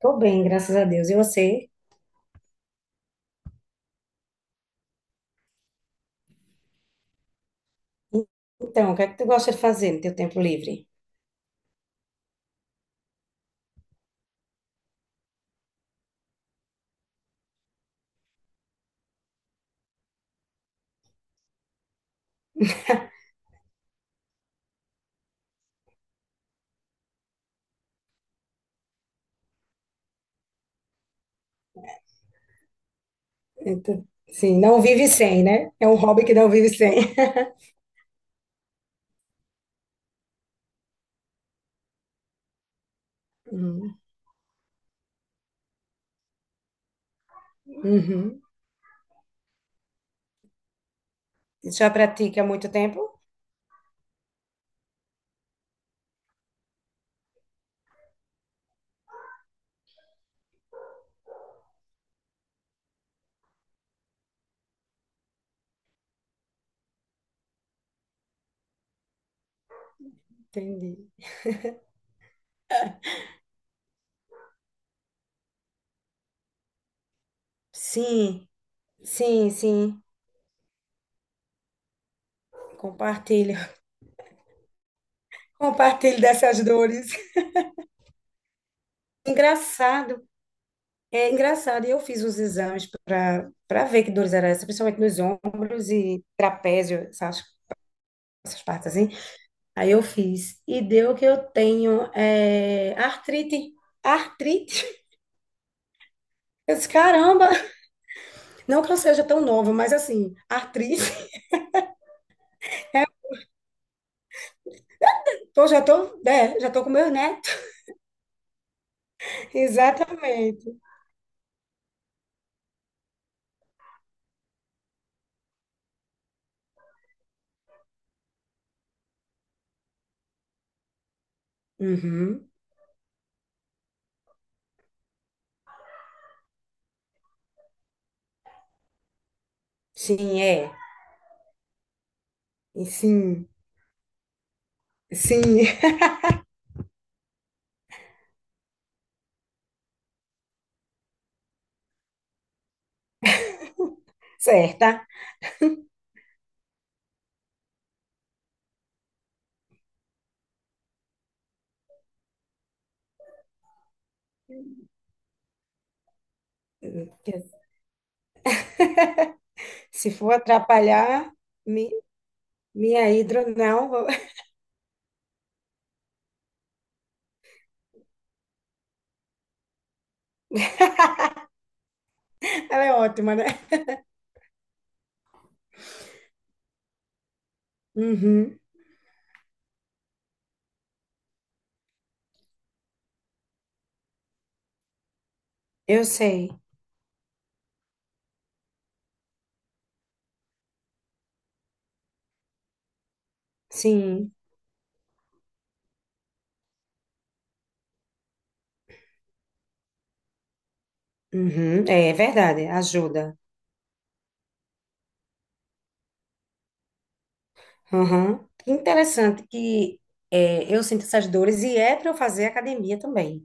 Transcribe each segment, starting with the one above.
Tô bem, graças a Deus. E você? Então, o que é que tu gosta de fazer no teu tempo livre? Então, sim, não vive sem, né? É um hobby que não vive sem. Uhum. Uhum. Já pratica há muito tempo? Entendi. Sim, sim, sim. Compartilho. Compartilho dessas dores. Engraçado. É engraçado. E eu fiz os exames para ver que dores eram essas, principalmente nos ombros e trapézio, essas partes assim. Aí eu fiz. E deu que eu tenho é, artrite. Artrite? Eu disse, caramba! Não que eu seja tão nova, mas assim, artrite. É, já tô com meu neto. Exatamente. Uhum. Sim, é. E sim, sim, certa. Se for atrapalhar, mi- minha hidro, não, vou- ela é ótima, né? Uhum. Eu sei. Sim. Uhum. é verdade, ajuda. Aham. Que interessante que eu sinto essas dores e é para eu fazer academia também.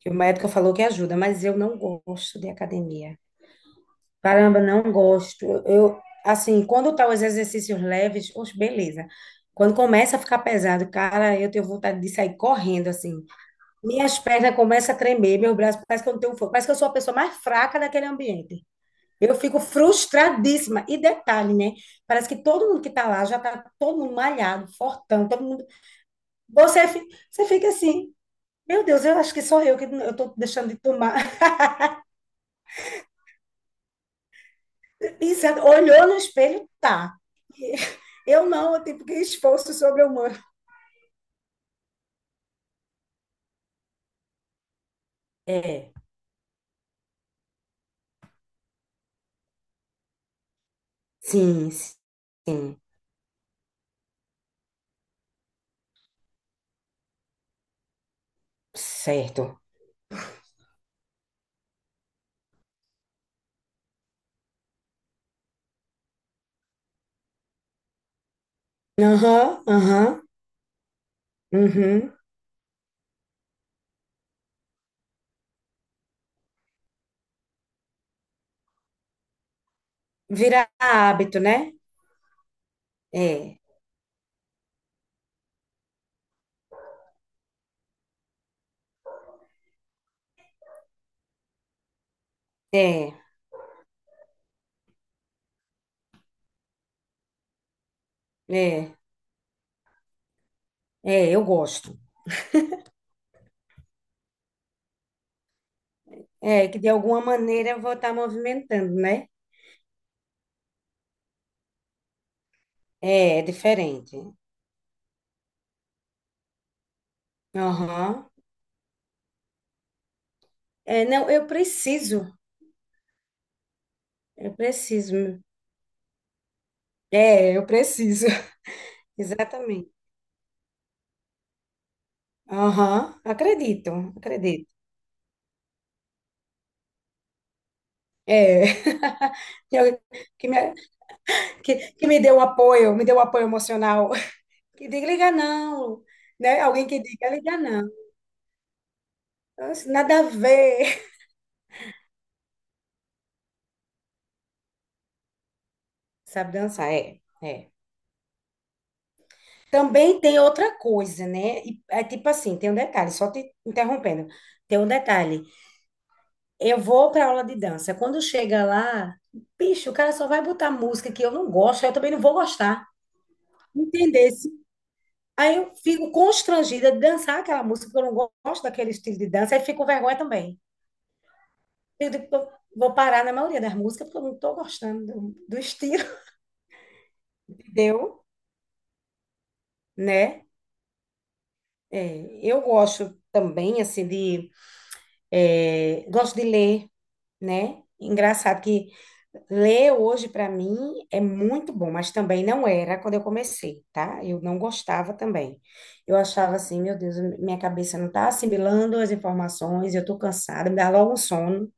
Que o médico falou que ajuda, mas eu não gosto de academia. Caramba, não gosto. Eu, assim, quando tá os exercícios leves, oxe, beleza. Quando começa a ficar pesado, cara, eu tenho vontade de sair correndo, assim. Minhas pernas começam a tremer, meus braços, parece que eu não tenho força, parece que eu sou a pessoa mais fraca daquele ambiente. Eu fico frustradíssima. E detalhe, né? Parece que todo mundo que tá lá já tá todo mundo malhado, fortão, todo mundo. Você fica assim, meu Deus, eu acho que sou eu que não- eu tô deixando de tomar. E você olhou no espelho, tá. E eu não, eu tipo, que esforço sobre-humano. É, sim, sim, certo. Aham, aham, uhum. Vira hábito, né? É, é, é, é, eu gosto. É, que de alguma maneira eu vou estar movimentando, né? É, é diferente. Aham. É, não, eu preciso, eu preciso. É, eu preciso. Exatamente. Aham, acredito, acredito. É. Que, eu- que me, que me deu um apoio, me deu um apoio emocional. Que diga, liga não, né? Alguém que diga, liga não. Nossa, nada a ver. Sabe dançar, é. É. Também tem outra coisa, né? É tipo assim, tem um detalhe, só te interrompendo. Tem um detalhe. Eu vou para aula de dança. Quando chega lá, bicho, o cara só vai botar música que eu não gosto, aí eu também não vou gostar. Entendesse? Aí eu fico constrangida de dançar aquela música, porque eu não gosto daquele estilo de dança, aí fico com vergonha também. Eu digo, eu vou parar na maioria das músicas, porque eu não estou gostando do estilo. Entendeu? Né? É, eu gosto também, assim, de. É, gosto de ler. Né? Engraçado que ler hoje para mim é muito bom, mas também não era quando eu comecei, tá? Eu não gostava também. Eu achava assim, meu Deus, minha cabeça não tá assimilando as informações, eu tô cansada, me dá logo um sono.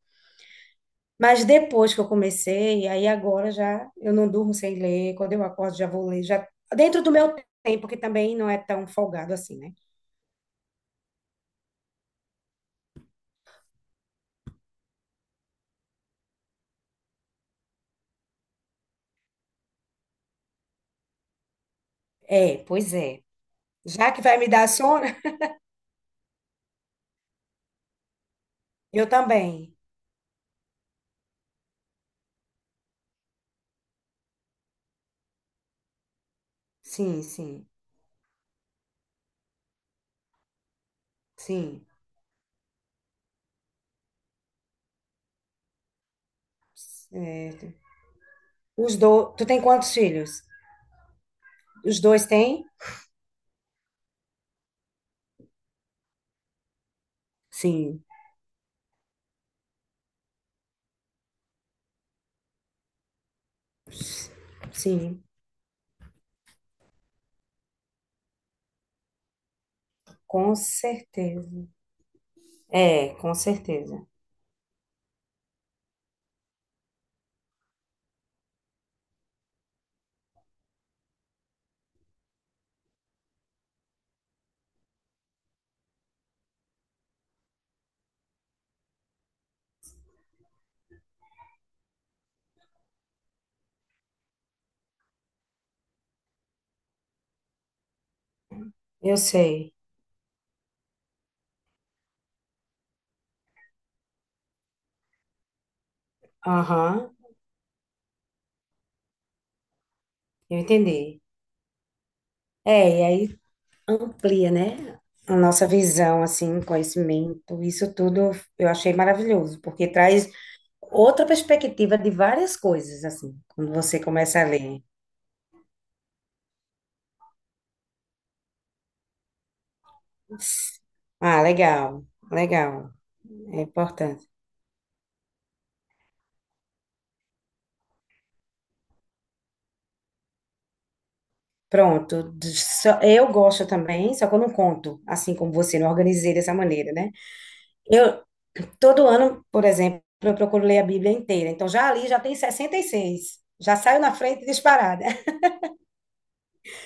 Mas depois que eu comecei, aí agora já eu não durmo sem ler, quando eu acordo já vou ler, já dentro do meu tempo, que também não é tão folgado assim, né? É, pois é. Já que vai me dar sono, eu também. Sim, sim, sim. Certo. Os dois. Tu tem quantos filhos? Os dois têm? Sim. Sim, com certeza. É, com certeza. Eu sei. Aham, eu entendi. É, e aí amplia, né? A nossa visão, assim, conhecimento, isso tudo eu achei maravilhoso, porque traz outra perspectiva de várias coisas, assim, quando você começa a ler. Ah, legal, legal, é importante. Pronto, eu gosto também, só que eu não conto, assim como você, não organizei dessa maneira, né? Eu, todo ano, por exemplo, eu procuro ler a Bíblia inteira, então já ali já tem 66, já saio na frente disparada,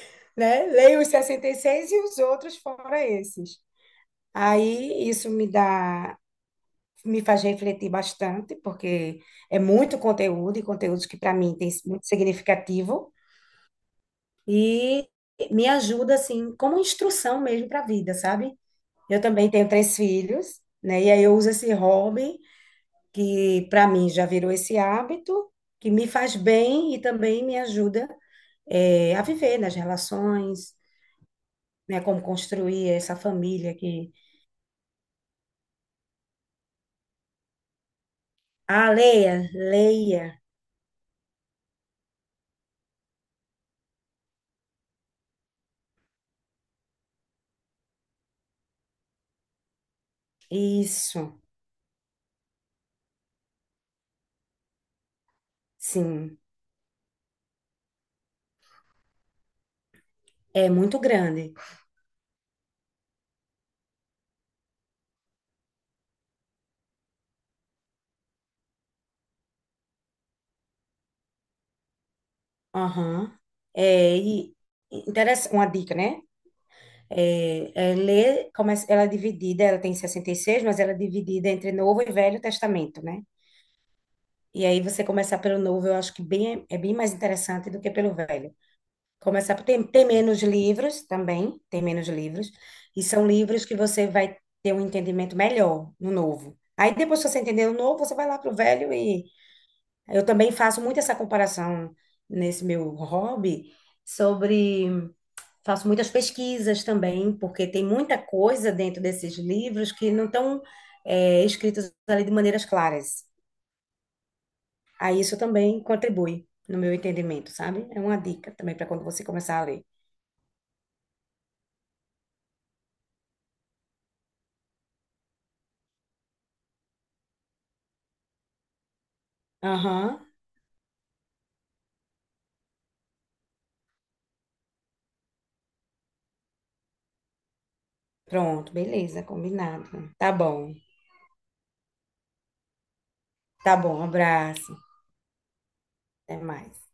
né? Leio os 66 e os outros fora esses. Aí isso me faz refletir bastante, porque é muito conteúdo, e conteúdos que para mim tem muito significativo, e me ajuda, assim, como instrução mesmo para a vida, sabe? Eu também tenho três filhos, né? E aí eu uso esse hobby que para mim já virou esse hábito que me faz bem e também me ajuda a viver nas relações, né? Como construir essa família que ah, leia, leia isso, sim, é muito grande. Aham. É, e interessa uma dica, né? É ler, começa, ela é dividida, ela tem 66, mas ela é dividida entre Novo e Velho Testamento, né? E aí você começar pelo novo, eu acho que é bem mais interessante do que pelo velho. Começar tem menos livros também, tem menos livros, e são livros que você vai ter um entendimento melhor no novo. Aí depois que você entender o novo, você vai lá pro velho e eu também faço muito essa comparação nesse meu hobby sobre faço muitas pesquisas também, porque tem muita coisa dentro desses livros que não estão escritos ali de maneiras claras. Aí isso também contribui, no meu entendimento, sabe? É uma dica também para quando você começar a ler. Aham, pronto, beleza, combinado. Tá bom, tá bom, abraço, até mais.